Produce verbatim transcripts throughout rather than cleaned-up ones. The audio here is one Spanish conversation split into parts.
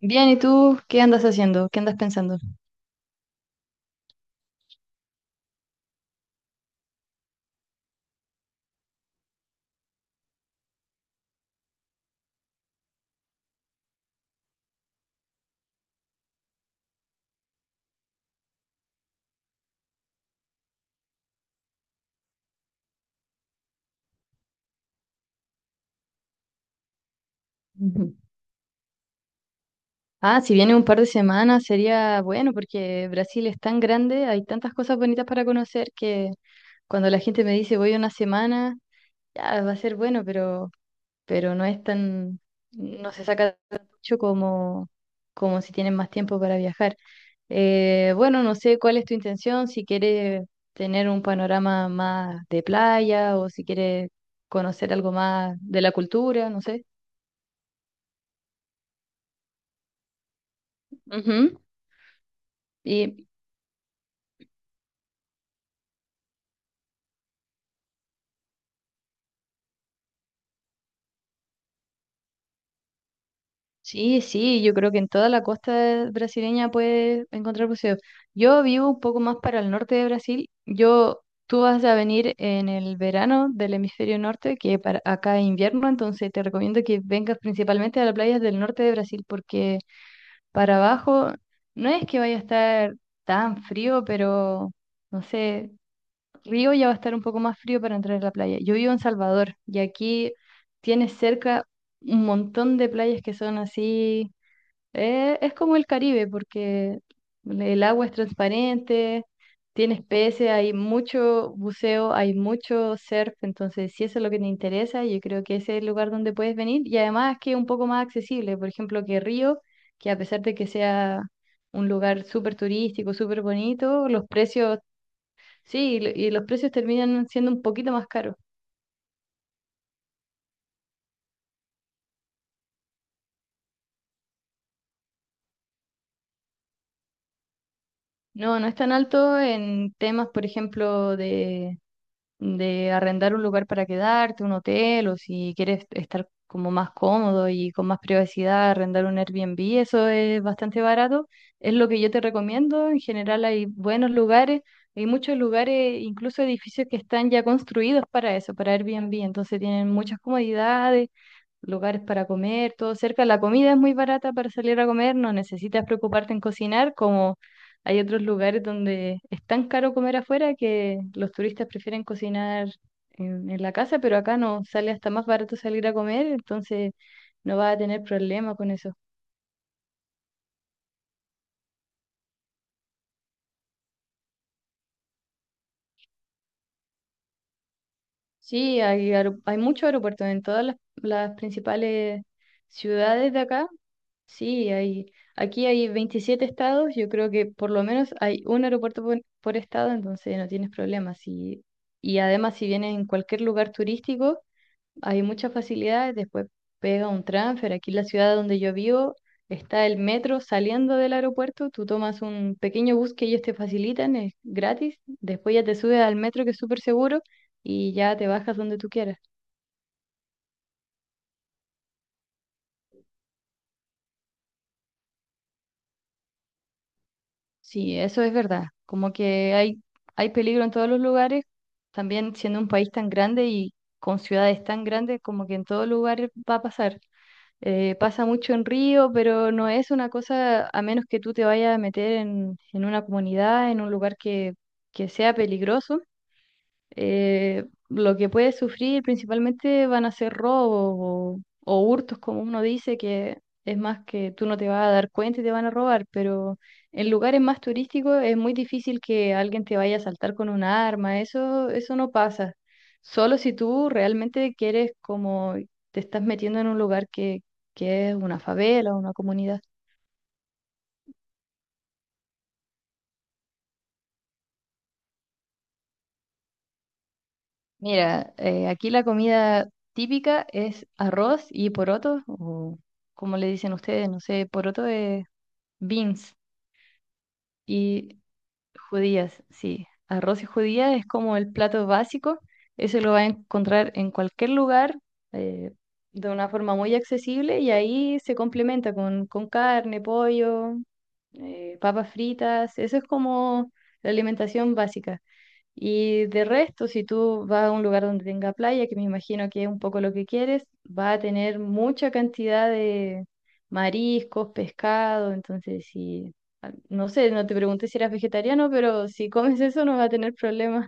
Bien, ¿y tú qué andas haciendo? ¿Qué andas pensando? Ujú. Ah, si viene un par de semanas sería bueno porque Brasil es tan grande, hay tantas cosas bonitas para conocer que cuando la gente me dice voy una semana, ya va a ser bueno, pero, pero no es tan, no se saca tan mucho como, como si tienen más tiempo para viajar. Eh, bueno, no sé cuál es tu intención, si quieres tener un panorama más de playa o si quieres conocer algo más de la cultura, no sé. Ujú. Y sí, sí, yo creo que en toda la costa brasileña puedes encontrar buceo. Yo vivo un poco más para el norte de Brasil. Yo, tú vas a venir en el verano del hemisferio norte, que para acá es invierno, entonces te recomiendo que vengas principalmente a las playas del norte de Brasil, porque para abajo no es que vaya a estar tan frío, pero no sé, Río ya va a estar un poco más frío para entrar a la playa. Yo vivo en Salvador y aquí tienes cerca un montón de playas que son así. eh, es como el Caribe porque el agua es transparente, tienes peces, hay mucho buceo, hay mucho surf. Entonces, si eso es lo que te interesa, yo creo que ese es el lugar donde puedes venir y además que es un poco más accesible. Por ejemplo, que Río, que a pesar de que sea un lugar súper turístico, súper bonito, los precios. Sí, y lo- y los precios terminan siendo un poquito más caros. No, no es tan alto en temas, por ejemplo, de, de arrendar un lugar para quedarte, un hotel, o si quieres estar como más cómodo y con más privacidad, arrendar un Airbnb, eso es bastante barato. Es lo que yo te recomiendo. En general hay buenos lugares, hay muchos lugares, incluso edificios que están ya construidos para eso, para Airbnb. Entonces tienen muchas comodidades, lugares para comer, todo cerca. La comida es muy barata para salir a comer, no necesitas preocuparte en cocinar, como hay otros lugares donde es tan caro comer afuera que los turistas prefieren cocinar en, en la casa, pero acá no sale hasta más barato salir a comer, entonces no vas a tener problema con eso. Sí, hay, aero- hay muchos aeropuertos en todas las, las principales ciudades de acá. Sí, hay, aquí hay veintisiete estados, yo creo que por lo menos hay un aeropuerto por, por estado, entonces no tienes problemas. Y, y además si vienes en cualquier lugar turístico, hay muchas facilidades, después pega un transfer. Aquí en la ciudad donde yo vivo está el metro saliendo del aeropuerto, tú tomas un pequeño bus que ellos te facilitan, es gratis, después ya te subes al metro que es súper seguro y ya te bajas donde tú quieras. Sí, eso es verdad. Como que hay, hay peligro en todos los lugares, también siendo un país tan grande y con ciudades tan grandes, como que en todo lugar va a pasar. Eh, pasa mucho en Río, pero no es una cosa, a menos que tú te vayas a meter en, en una comunidad, en un lugar que, que sea peligroso. Eh, lo que puede sufrir principalmente van a ser robos o, o hurtos, como uno dice, que es más que tú no te vas a dar cuenta y te van a robar, pero en lugares más turísticos es muy difícil que alguien te vaya a asaltar con un arma, eso, eso no pasa. Solo si tú realmente quieres como te estás metiendo en un lugar que, que es una favela o una comunidad. Mira, eh, aquí la comida típica es arroz y poroto, o como le dicen ustedes, no sé, poroto es beans y judías, sí. Arroz y judías es como el plato básico, eso lo vas a encontrar en cualquier lugar eh, de una forma muy accesible y ahí se complementa con, con carne, pollo, eh, papas fritas, eso es como la alimentación básica. Y de resto, si tú vas a un lugar donde tenga playa, que me imagino que es un poco lo que quieres, va a tener mucha cantidad de mariscos, pescado, entonces si, ah, no sé, no te pregunté si eras vegetariano, pero si comes eso no va a tener problemas.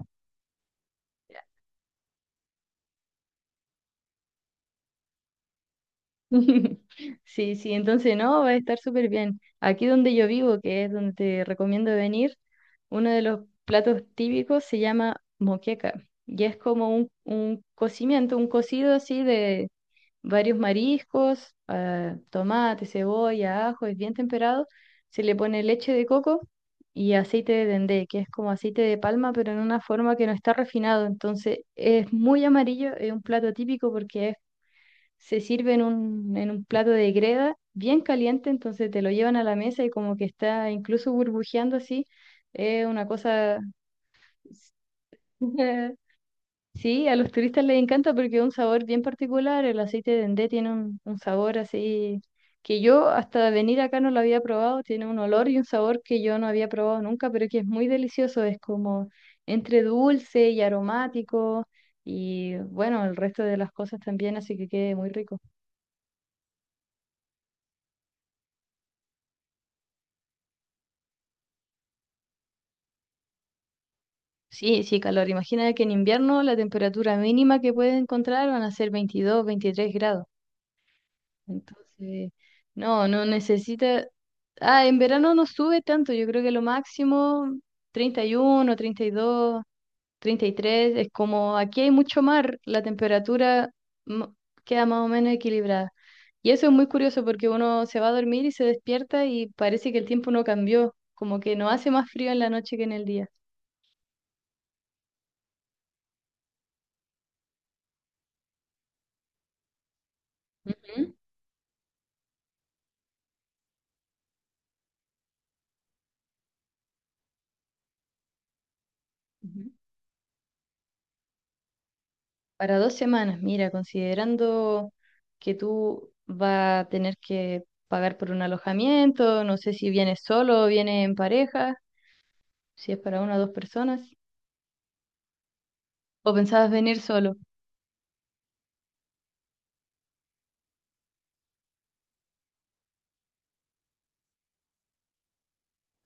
Sí, sí, entonces no, va a estar súper bien. Aquí donde yo vivo, que es donde te recomiendo venir, uno de los platos típicos se llama moqueca y es como un, un cocimiento, un cocido así de varios mariscos, ah, tomate, cebolla, ajo, es bien temperado. Se le pone leche de coco y aceite de dendé, que es como aceite de palma, pero en una forma que no está refinado. Entonces es muy amarillo, es un plato típico porque es- se sirve en un, en un plato de greda bien caliente, entonces te lo llevan a la mesa y como que está incluso burbujeando así. Es una cosa. Sí, a los turistas les encanta porque es un sabor bien particular. El aceite de dendé tiene un, un sabor así que yo hasta venir acá no lo había probado. Tiene un olor y un sabor que yo no había probado nunca, pero que es muy delicioso. Es como entre dulce y aromático y bueno, el resto de las cosas también, así que quede muy rico. Sí, sí, calor. Imagina que en invierno la temperatura mínima que puedes encontrar van a ser veintidós, veintitrés grados. Entonces, no, no necesita. Ah, en verano no sube tanto, yo creo que lo máximo treinta, treinta y y uno, treinta y dos, treinta y tres, es como aquí hay mucho mar, la temperatura mo- queda más o menos equilibrada. Y eso es muy curioso porque uno se va a dormir y se despierta y parece que el tiempo no cambió, como que no hace más frío en la noche que en el día. Ujú. Ujú. Para dos semanas, mira, considerando que tú vas a tener que pagar por un alojamiento, no sé si vienes solo o vienes en pareja, si es para una o dos personas, o pensabas venir solo.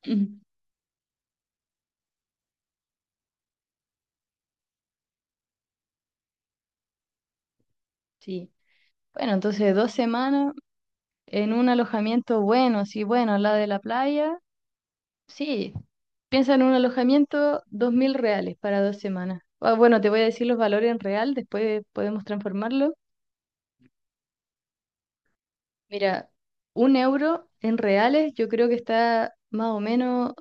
Sí. Bueno, entonces dos semanas en un alojamiento bueno, sí, bueno, al lado de la playa, sí. Piensa en un alojamiento, dos mil reales para dos semanas. Ah, bueno, te voy a decir los valores en real, después podemos transformarlo. Mira, un euro en reales yo creo que está más o menos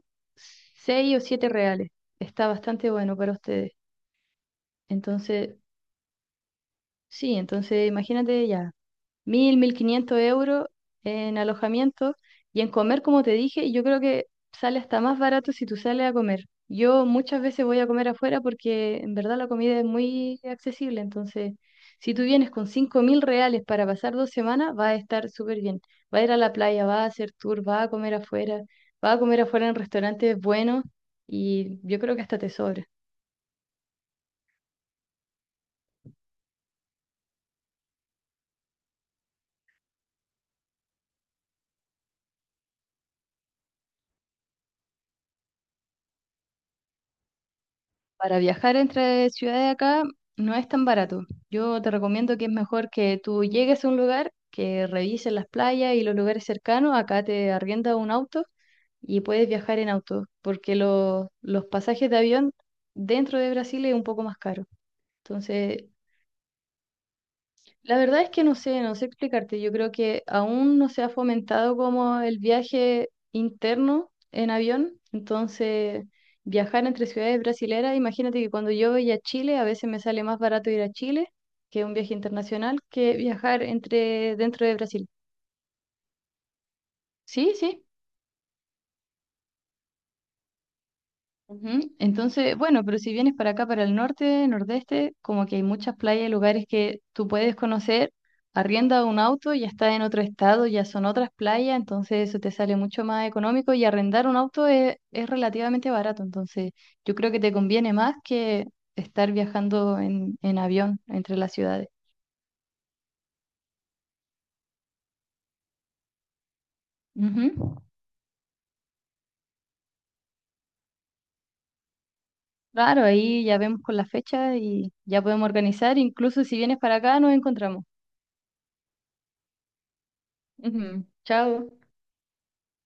seis o siete reales. Está bastante bueno para ustedes. Entonces, sí, entonces imagínate ya mil, mil quinientos euros en alojamiento y en comer, como te dije, yo creo que sale hasta más barato si tú sales a comer. Yo muchas veces voy a comer afuera porque en verdad la comida es muy accesible, entonces si tú vienes con cinco mil reales para pasar dos semanas, va a estar súper bien. Va a ir a la playa, va a hacer tour, va a comer afuera, va a comer afuera en restaurantes buenos y yo creo que hasta tesoro. Para viajar entre ciudades acá no es tan barato. Yo te recomiendo que es mejor que tú llegues a un lugar, que revises las playas y los lugares cercanos. Acá te arrienda un auto y puedes viajar en auto, porque lo- los pasajes de avión dentro de Brasil es un poco más caro. Entonces, la verdad es que no sé, no sé explicarte. Yo creo que aún no se ha fomentado como el viaje interno en avión. Entonces, viajar entre ciudades brasileras, imagínate que cuando yo voy a Chile, a veces me sale más barato ir a Chile, que un viaje internacional, que viajar entre dentro de Brasil. Sí, sí. Ujú. Entonces, bueno, pero si vienes para acá, para el norte, nordeste, como que hay muchas playas y lugares que tú puedes conocer, arrienda un auto, ya está en otro estado, ya son otras playas, entonces eso te sale mucho más económico y arrendar un auto es, es relativamente barato, entonces yo creo que te conviene más que estar viajando en, en avión entre las ciudades. Ujú. Claro, ahí ya vemos con la fecha y ya podemos organizar, incluso si vienes para acá nos encontramos. Ujú. Chao.